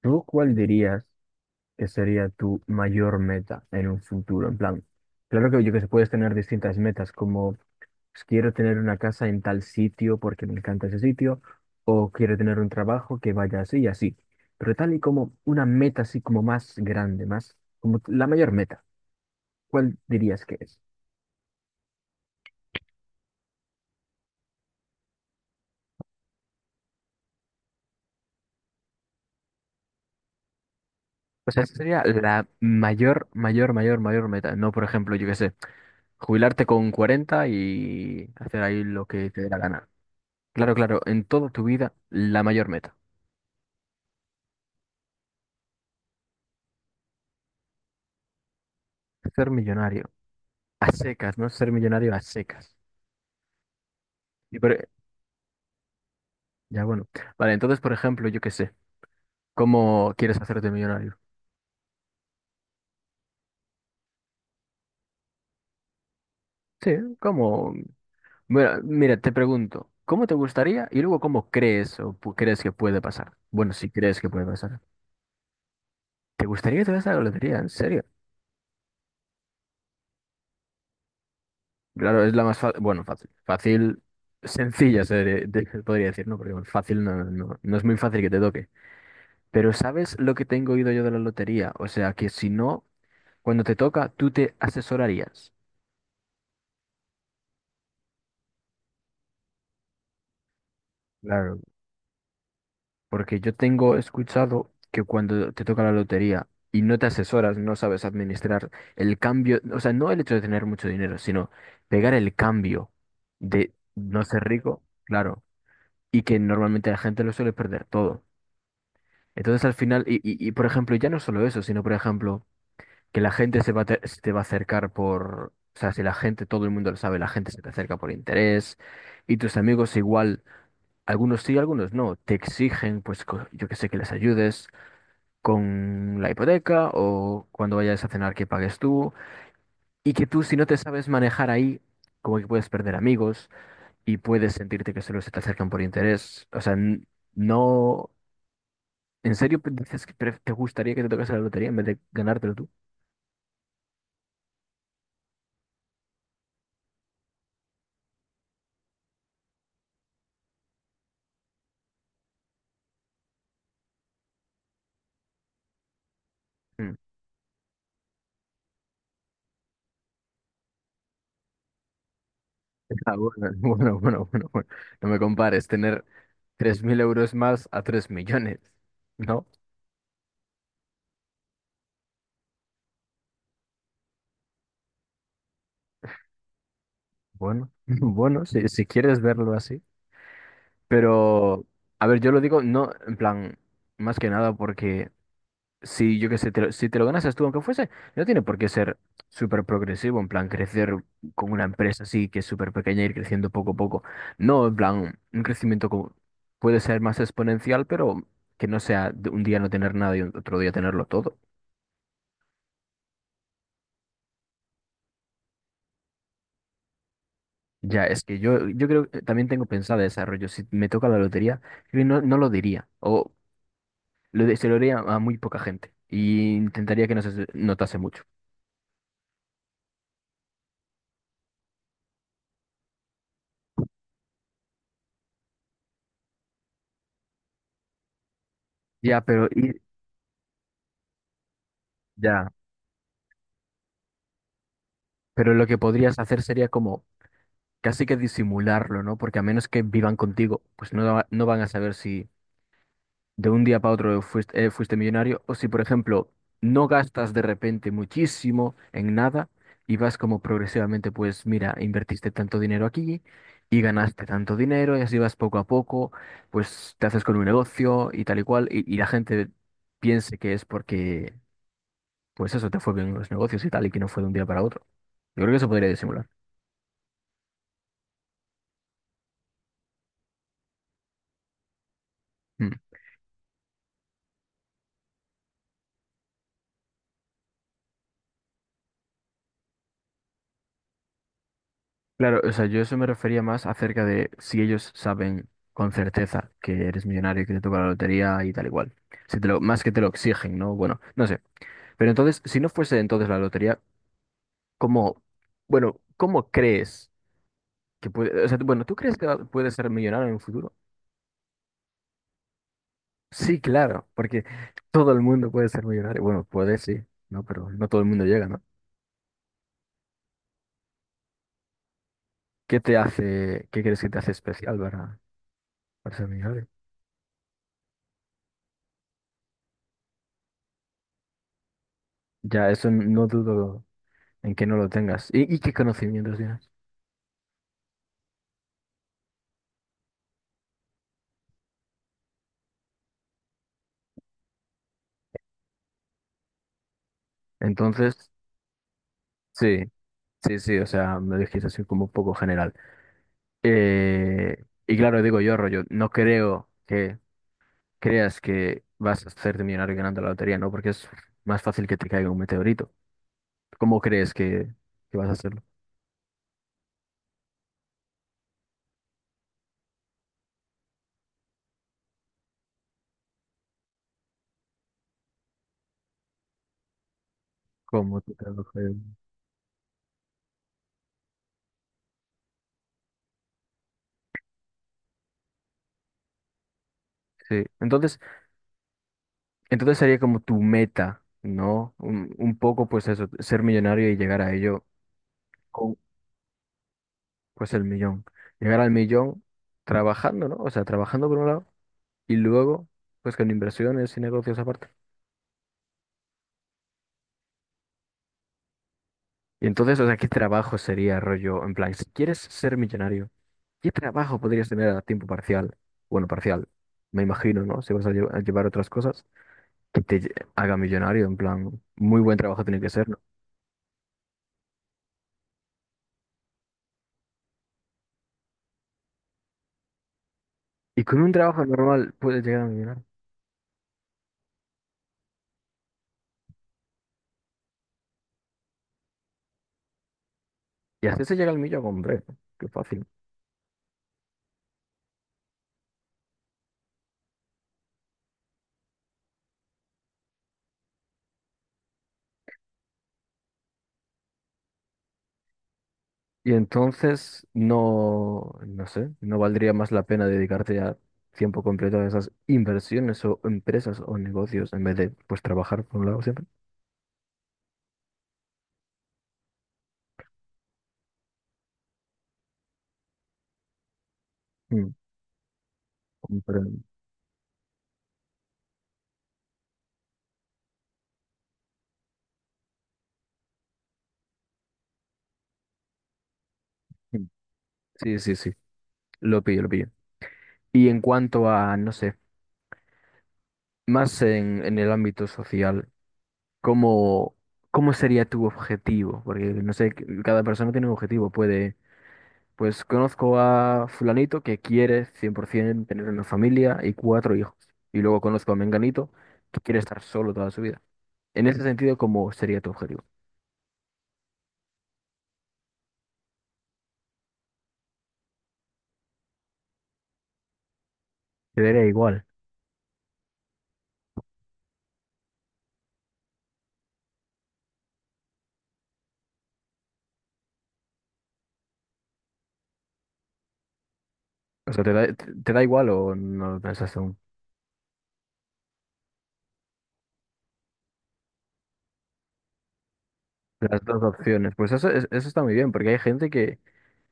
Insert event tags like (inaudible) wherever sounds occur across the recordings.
¿Tú cuál dirías que sería tu mayor meta en un futuro? En plan, claro que yo que se puedes tener distintas metas, como pues, quiero tener una casa en tal sitio porque me encanta ese sitio, o quiero tener un trabajo que vaya así y así. Pero tal y como una meta así como más grande, más como la mayor meta, ¿cuál dirías que es? O sea, esa sería la mayor, mayor, mayor, mayor meta. No, por ejemplo, yo qué sé, jubilarte con 40 y hacer ahí lo que te dé la gana. Claro, claro, en toda tu vida, la mayor meta. Ser millonario. A secas, ¿no? Ser millonario a secas. Y por- e, ya bueno. Vale, entonces, por ejemplo, yo qué sé. ¿Cómo quieres hacerte millonario? Sí, ¿cómo? Mira, mira, te pregunto. ¿Cómo te gustaría? Y luego, ¿cómo crees o crees que puede pasar? Bueno, si crees que puede pasar. ¿Te gustaría que te vayas a la lotería? ¿En serio? Claro, es la más fácil. Bueno, fácil. Fácil, sencilla, (laughs) podría decir, ¿no? Porque bueno, fácil no, no, no es muy fácil que te toque. Pero ¿sabes lo que tengo oído yo de la lotería? O sea, que si no, cuando te toca, tú te asesorarías. Claro. Porque yo tengo escuchado que cuando te toca la lotería y no te asesoras, no sabes administrar el cambio, o sea, no el hecho de tener mucho dinero, sino pegar el cambio de no ser rico, claro, y que normalmente la gente lo suele perder todo. Entonces al final, y por ejemplo, ya no solo eso, sino por ejemplo... que la gente se va a te, se te va a acercar por, o sea, si la gente, todo el mundo lo sabe, la gente se te acerca por interés y tus amigos igual, algunos sí, algunos no, te exigen, pues yo que sé, que les ayudes con la hipoteca o cuando vayas a cenar que pagues tú y que tú si no te sabes manejar ahí, como que puedes perder amigos y puedes sentirte que solo se te acercan por interés, o sea, no, ¿en serio dices que te gustaría que te tocase la lotería en vez de ganártelo tú? Mm. (laughs) Ah, bueno, bueno, bueno, bueno, bueno. No me compares tener 3.000 € más a 3 millones. No, bueno, (laughs) bueno, si quieres verlo así. Pero, a ver, yo lo digo, no, en plan, más que nada porque si yo qué sé, si te lo ganas tú, aunque fuese, no tiene por qué ser súper progresivo, en plan, crecer con una empresa así que es súper pequeña y ir creciendo poco a poco. No, en plan, un crecimiento como puede ser más exponencial, pero que no sea de un día no tener nada y otro día tenerlo todo. Ya, es que yo creo que también tengo pensado ese rollo. Si me toca la lotería, creo que no, no lo diría. O se lo diría a muy poca gente. Y intentaría que no se notase mucho. Ya, pero, ya, pero lo que podrías hacer sería como casi que disimularlo, ¿no? Porque a menos que vivan contigo, pues no, no van a saber si, de un día para otro fuiste, fuiste millonario, o si, por ejemplo, no gastas de repente muchísimo en nada y vas como progresivamente, pues mira, invertiste tanto dinero aquí y ganaste tanto dinero y así vas poco a poco, pues te haces con un negocio y tal y cual, y la gente piense que es porque, pues eso, te fue bien en los negocios y tal, y que no fue de un día para otro. Yo creo que eso podría disimular. Hmm. Claro, o sea, yo eso me refería más acerca de si ellos saben con certeza que eres millonario y que te toca la lotería y tal igual. Si te lo, más que te lo exigen, ¿no? Bueno, no sé. Pero entonces, si no fuese entonces la lotería, ¿cómo, bueno, cómo crees que puede, o sea, bueno, ¿tú crees que puedes ser millonario en un futuro? Sí, claro, porque todo el mundo puede ser millonario. Bueno, puede sí, ¿no? Pero no todo el mundo llega, ¿no? ¿Qué te hace, qué crees que te hace especial para ser millonario? Ya, eso no dudo. En que no lo tengas y qué conocimientos tienes. Entonces, sí, sí, sí, o sea, me dijiste así como un poco general. Y claro, digo yo, rollo, no creo que creas que vas a hacerte millonario ganando la lotería, ¿no? Porque es más fácil que te caiga un meteorito. ¿Cómo crees que vas a hacerlo? ¿Cómo te caiga? Sí, entonces, sería como tu meta, ¿no? Un poco, pues eso, ser millonario y llegar a ello. Pues el millón. Llegar al millón trabajando, ¿no? O sea, trabajando por un lado y luego, pues con inversiones y negocios aparte. Y entonces, o sea, ¿qué trabajo sería, rollo? En plan, si quieres ser millonario, ¿qué trabajo podrías tener a tiempo parcial? Bueno, parcial, me imagino, ¿no? Si vas a, a llevar otras cosas, que te haga millonario, en plan, muy buen trabajo tiene que ser, ¿no? Y con un trabajo normal puedes llegar a millonario. Y así se llega al millón, hombre, qué fácil. Y entonces no, no sé, no valdría más la pena dedicarte a tiempo completo a esas inversiones o empresas o negocios en vez de pues trabajar por un lado siempre. Mm, comprendo. Mm. Sí, sí, sí, lo pillo, lo pillo. Y en cuanto a, no sé, más en el ámbito social, ¿cómo, sería tu objetivo? Porque no sé, cada persona tiene un objetivo, puede... Pues conozco a fulanito que quiere 100% tener una familia y cuatro hijos. Y luego conozco a menganito que quiere estar solo toda su vida. En ese sentido, ¿cómo sería tu objetivo? Te daría igual. O sea, ¿te da, te da igual o no lo pensas aún? Las dos opciones. Pues eso, eso está muy bien, porque hay gente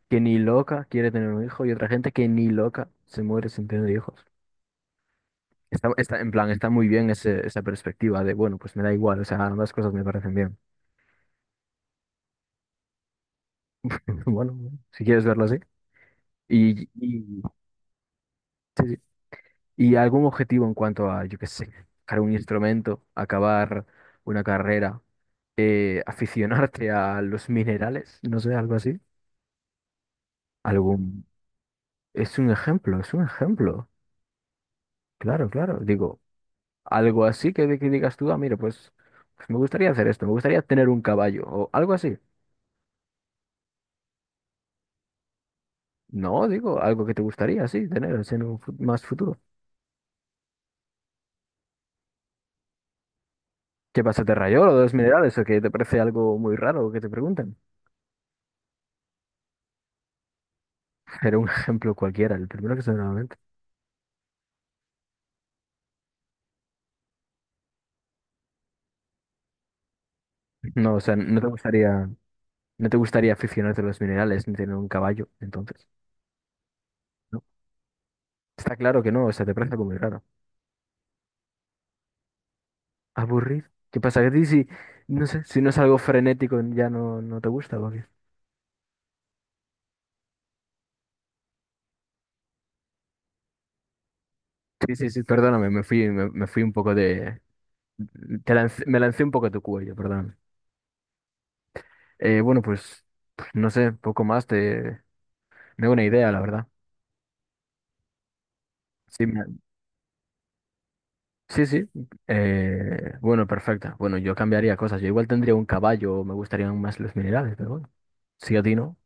que ni loca quiere tener un hijo y otra gente que ni loca se muere sin tener hijos. Está, está, en plan, está muy bien esa perspectiva de, bueno, pues me da igual, o sea, ambas cosas me parecen bien. (laughs) Bueno, si quieres verlo así. Y sí, sí. ¿Y algún objetivo en cuanto a, yo qué sé, tocar un instrumento, acabar una carrera, aficionarte a los minerales, no sé, algo así? Algún... Es un ejemplo, es un ejemplo. Claro, claro. Digo, algo así que digas tú, ah, mira, pues, pues me gustaría hacer esto, me gustaría tener un caballo o algo así. No, digo, algo que te gustaría, sí, tener así en un más futuro. ¿Qué pasa, te rayó lo de los minerales o que te parece algo muy raro que te pregunten? (laughs) Era un ejemplo cualquiera, el primero que se me... No, o sea, no te gustaría, no te gustaría aficionarte a los minerales ni tener un caballo, entonces, ¿no? Está claro que no, o sea, te parece algo muy raro. Aburrido. ¿Qué pasa? ¿Que a ti si, no sé, si no es algo frenético ya no, no te gusta? ¿O qué? Sí, sí, sí, perdóname, me fui un poco de... me lancé un poco a tu cuello, perdón. Bueno, pues, pues, no sé, poco más, te... me da una idea, la verdad. Sí, me, sí, sí. Bueno, perfecto. Bueno, yo cambiaría cosas. Yo igual tendría un caballo, me gustarían más los minerales, pero bueno. Sí, a ti no.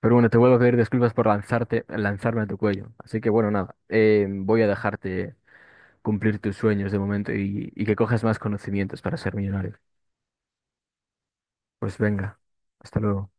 Pero bueno, te vuelvo a pedir disculpas por lanzarte, lanzarme a tu cuello. Así que bueno, nada. Voy a dejarte cumplir tus sueños de momento y que cojas más conocimientos para ser millonario. Pues venga, hasta luego.